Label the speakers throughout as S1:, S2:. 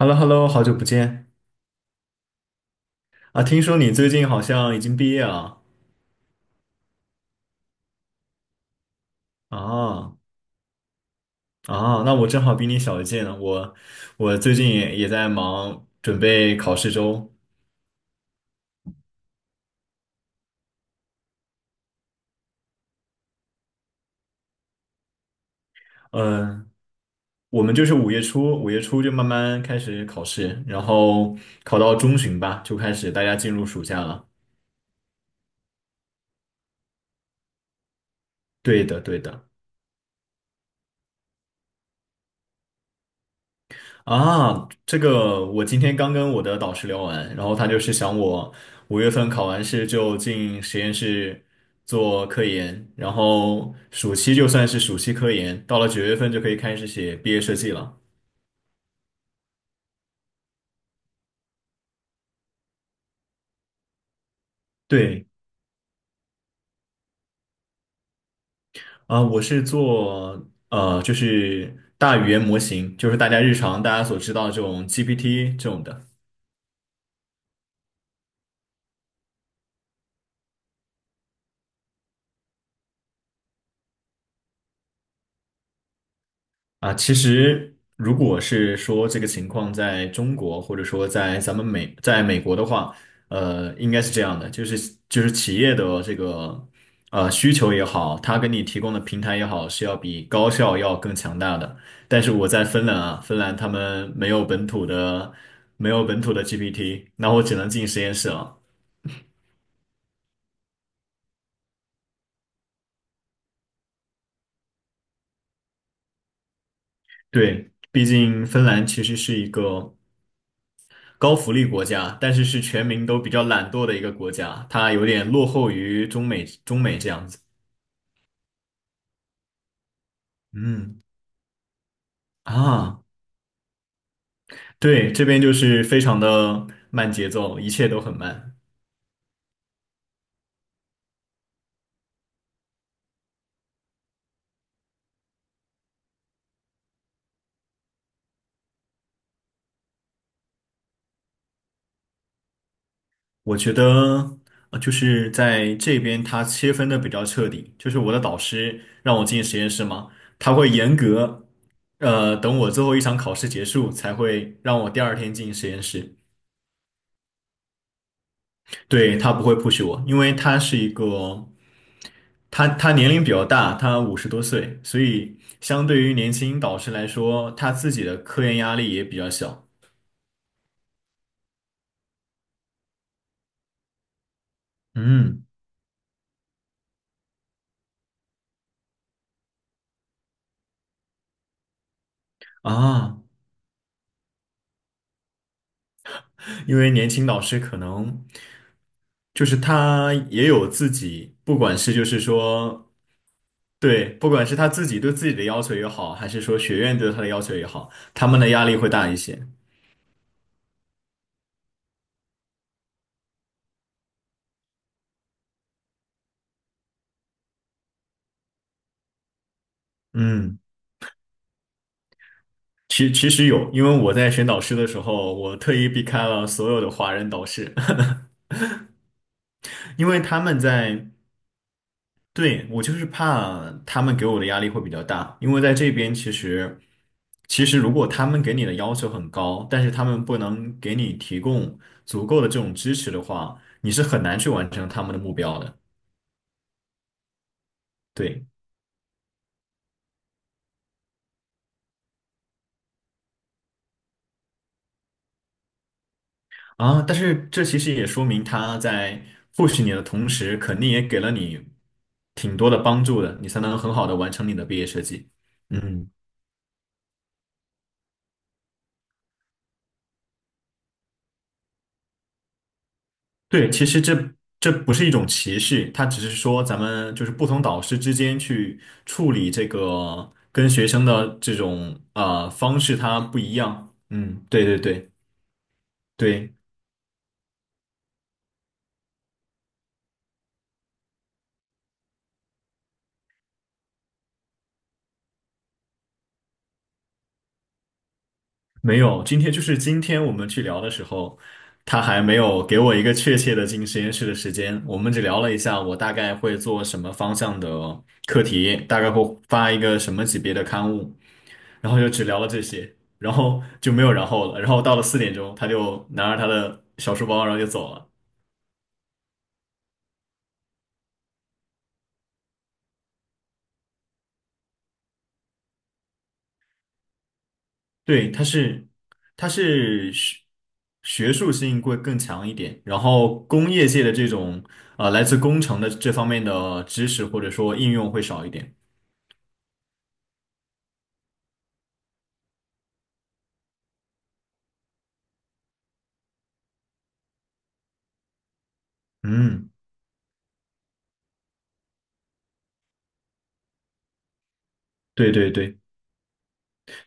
S1: H e l l o h e l l o 好久不见啊！听说你最近好像已经毕业了啊啊！那我正好比你小一届呢，我最近也在忙准备考试周。嗯，我们就是五月初就慢慢开始考试，然后考到中旬吧，就开始大家进入暑假了。对的，对的。啊，这个我今天刚跟我的导师聊完，然后他就是想我5月份考完试就进实验室做科研，然后暑期就算是暑期科研，到了9月份就可以开始写毕业设计了。对，啊，我是做就是大语言模型，就是大家日常大家所知道的这种 GPT 这种的。啊，其实如果是说这个情况在中国，或者说在美国的话，应该是这样的，就是企业的这个需求也好，它给你提供的平台也好，是要比高校要更强大的。但是我在芬兰啊，芬兰他们没有本土的 GPT，那我只能进实验室了。对，毕竟芬兰其实是一个高福利国家，但是是全民都比较懒惰的一个国家，它有点落后于中美这样子。嗯啊，对，这边就是非常的慢节奏，一切都很慢。我觉得就是在这边它切分的比较彻底，就是我的导师让我进实验室嘛，他会严格等我最后一场考试结束才会让我第二天进实验室。对，他不会 push 我，因为他是一个，他年龄比较大，他50多岁，所以相对于年轻导师来说，他自己的科研压力也比较小。嗯，啊，因为年轻导师可能就是他也有自己，不管是就是说。对，不管是他自己对自己的要求也好，还是说学院对他的要求也好，他们的压力会大一些。嗯。其实有，因为我在选导师的时候，我特意避开了所有的华人导师，因为他们在，对，我就是怕他们给我的压力会比较大，因为在这边其实，其实如果他们给你的要求很高，但是他们不能给你提供足够的这种支持的话，你是很难去完成他们的目标的。对。啊，但是这其实也说明他在或许你的同时，肯定也给了你挺多的帮助的，你才能很好的完成你的毕业设计。嗯，对，其实这不是一种歧视，它只是说咱们就是不同导师之间去处理这个跟学生的这种啊方式，它不一样。嗯，对对对对。没有，今天就是今天我们去聊的时候，他还没有给我一个确切的进实验室的时间。我们只聊了一下，我大概会做什么方向的课题，大概会发一个什么级别的刊物，然后就只聊了这些，然后就没有然后了。然后到了4点钟，他就拿着他的小书包，然后就走了。对，他是学术性会更强一点，然后工业界的这种来自工程的这方面的知识或者说应用会少一点。嗯，对对对，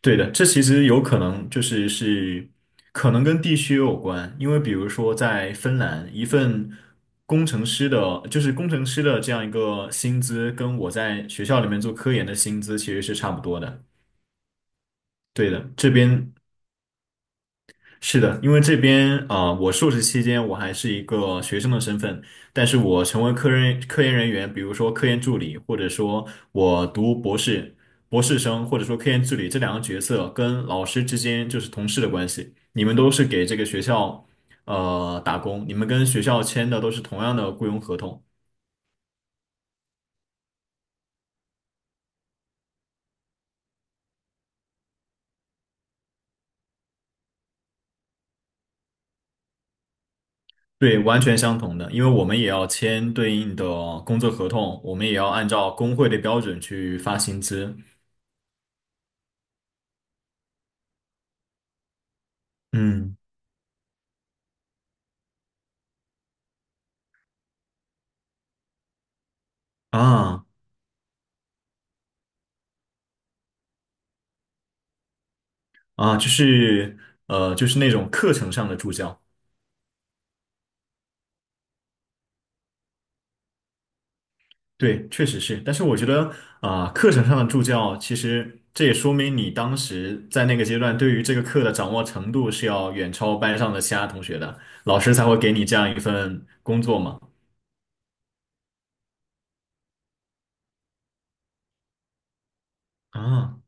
S1: 对的，这其实有可能就是可能跟地区有关，因为比如说在芬兰，一份工程师的，就是工程师的这样一个薪资，跟我在学校里面做科研的薪资其实是差不多的。对的，这边是的，因为这边啊我硕士期间我还是一个学生的身份，但是我成为科研人员，比如说科研助理，或者说我读博士、博士生，或者说科研助理这两个角色跟老师之间就是同事的关系，你们都是给这个学校打工，你们跟学校签的都是同样的雇佣合同，对，完全相同的，因为我们也要签对应的工作合同，我们也要按照工会的标准去发薪资，嗯啊。啊，就是就是那种课程上的助教，对，确实是。但是我觉得啊，课程上的助教，其实这也说明你当时在那个阶段对于这个课的掌握程度是要远超班上的其他同学的，老师才会给你这样一份工作嘛。啊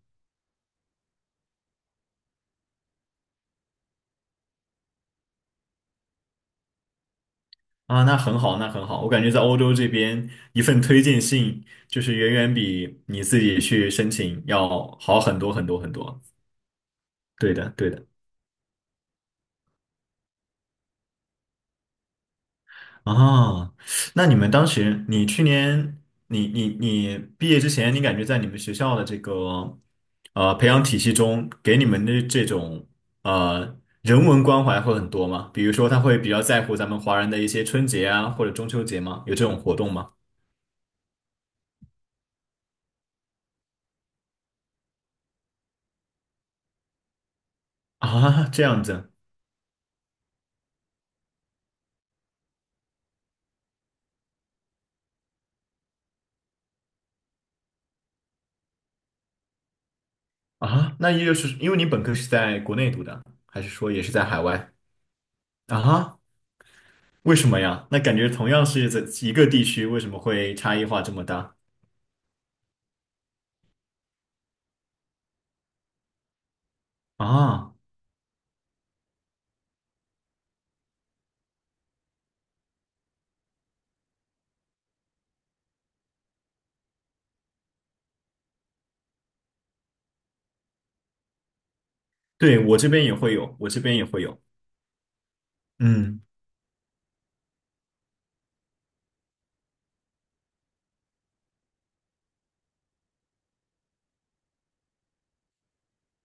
S1: 啊，那很好，那很好。我感觉在欧洲这边，一份推荐信就是远远比你自己去申请要好很多很多很多。对的，对的。啊，那你们当时，你去年，你毕业之前，你感觉在你们学校的这个培养体系中，给你们的这种人文关怀会很多吗？比如说，他会比较在乎咱们华人的一些春节啊，或者中秋节吗？有这种活动吗？啊，这样子啊，那也就是因为你本科是在国内读的，还是说也是在海外啊？为什么呀？那感觉同样是在一个地区，为什么会差异化这么大啊？对，我这边也会有，我这边也会有。嗯，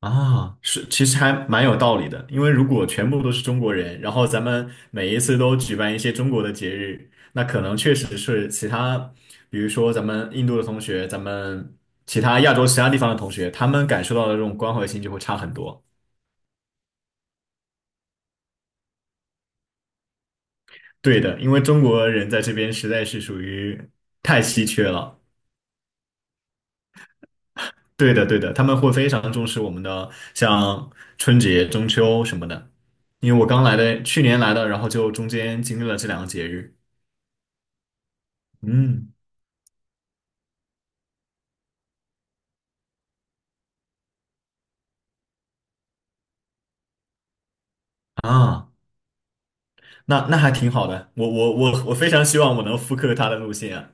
S1: 啊，是，其实还蛮有道理的，因为如果全部都是中国人，然后咱们每一次都举办一些中国的节日，那可能确实是其他，比如说咱们印度的同学，咱们其他亚洲其他地方的同学，他们感受到的这种关怀性就会差很多。对的，因为中国人在这边实在是属于太稀缺了。对的，对的，他们会非常重视我们的像春节、中秋什么的。因为我刚来的，去年来的，然后就中间经历了这两个节日。嗯啊，那还挺好的，我非常希望我能复刻他的路线啊。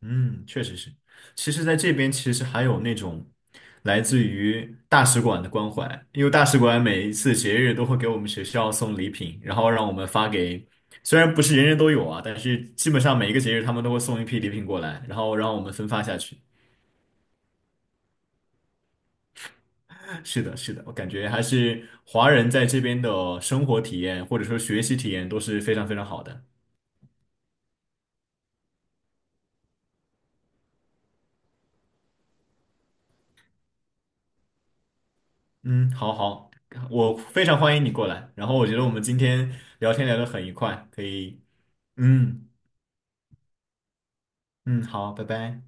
S1: 嗯，确实是。其实，在这边其实还有那种来自于大使馆的关怀，因为大使馆每一次节日都会给我们学校送礼品，然后让我们发给，虽然不是人人都有啊，但是基本上每一个节日他们都会送一批礼品过来，然后让我们分发下去。是的，是的，我感觉还是华人在这边的生活体验或者说学习体验都是非常非常好的。嗯，好好，我非常欢迎你过来，然后我觉得我们今天聊天聊得很愉快，可以，嗯。嗯，好，拜拜。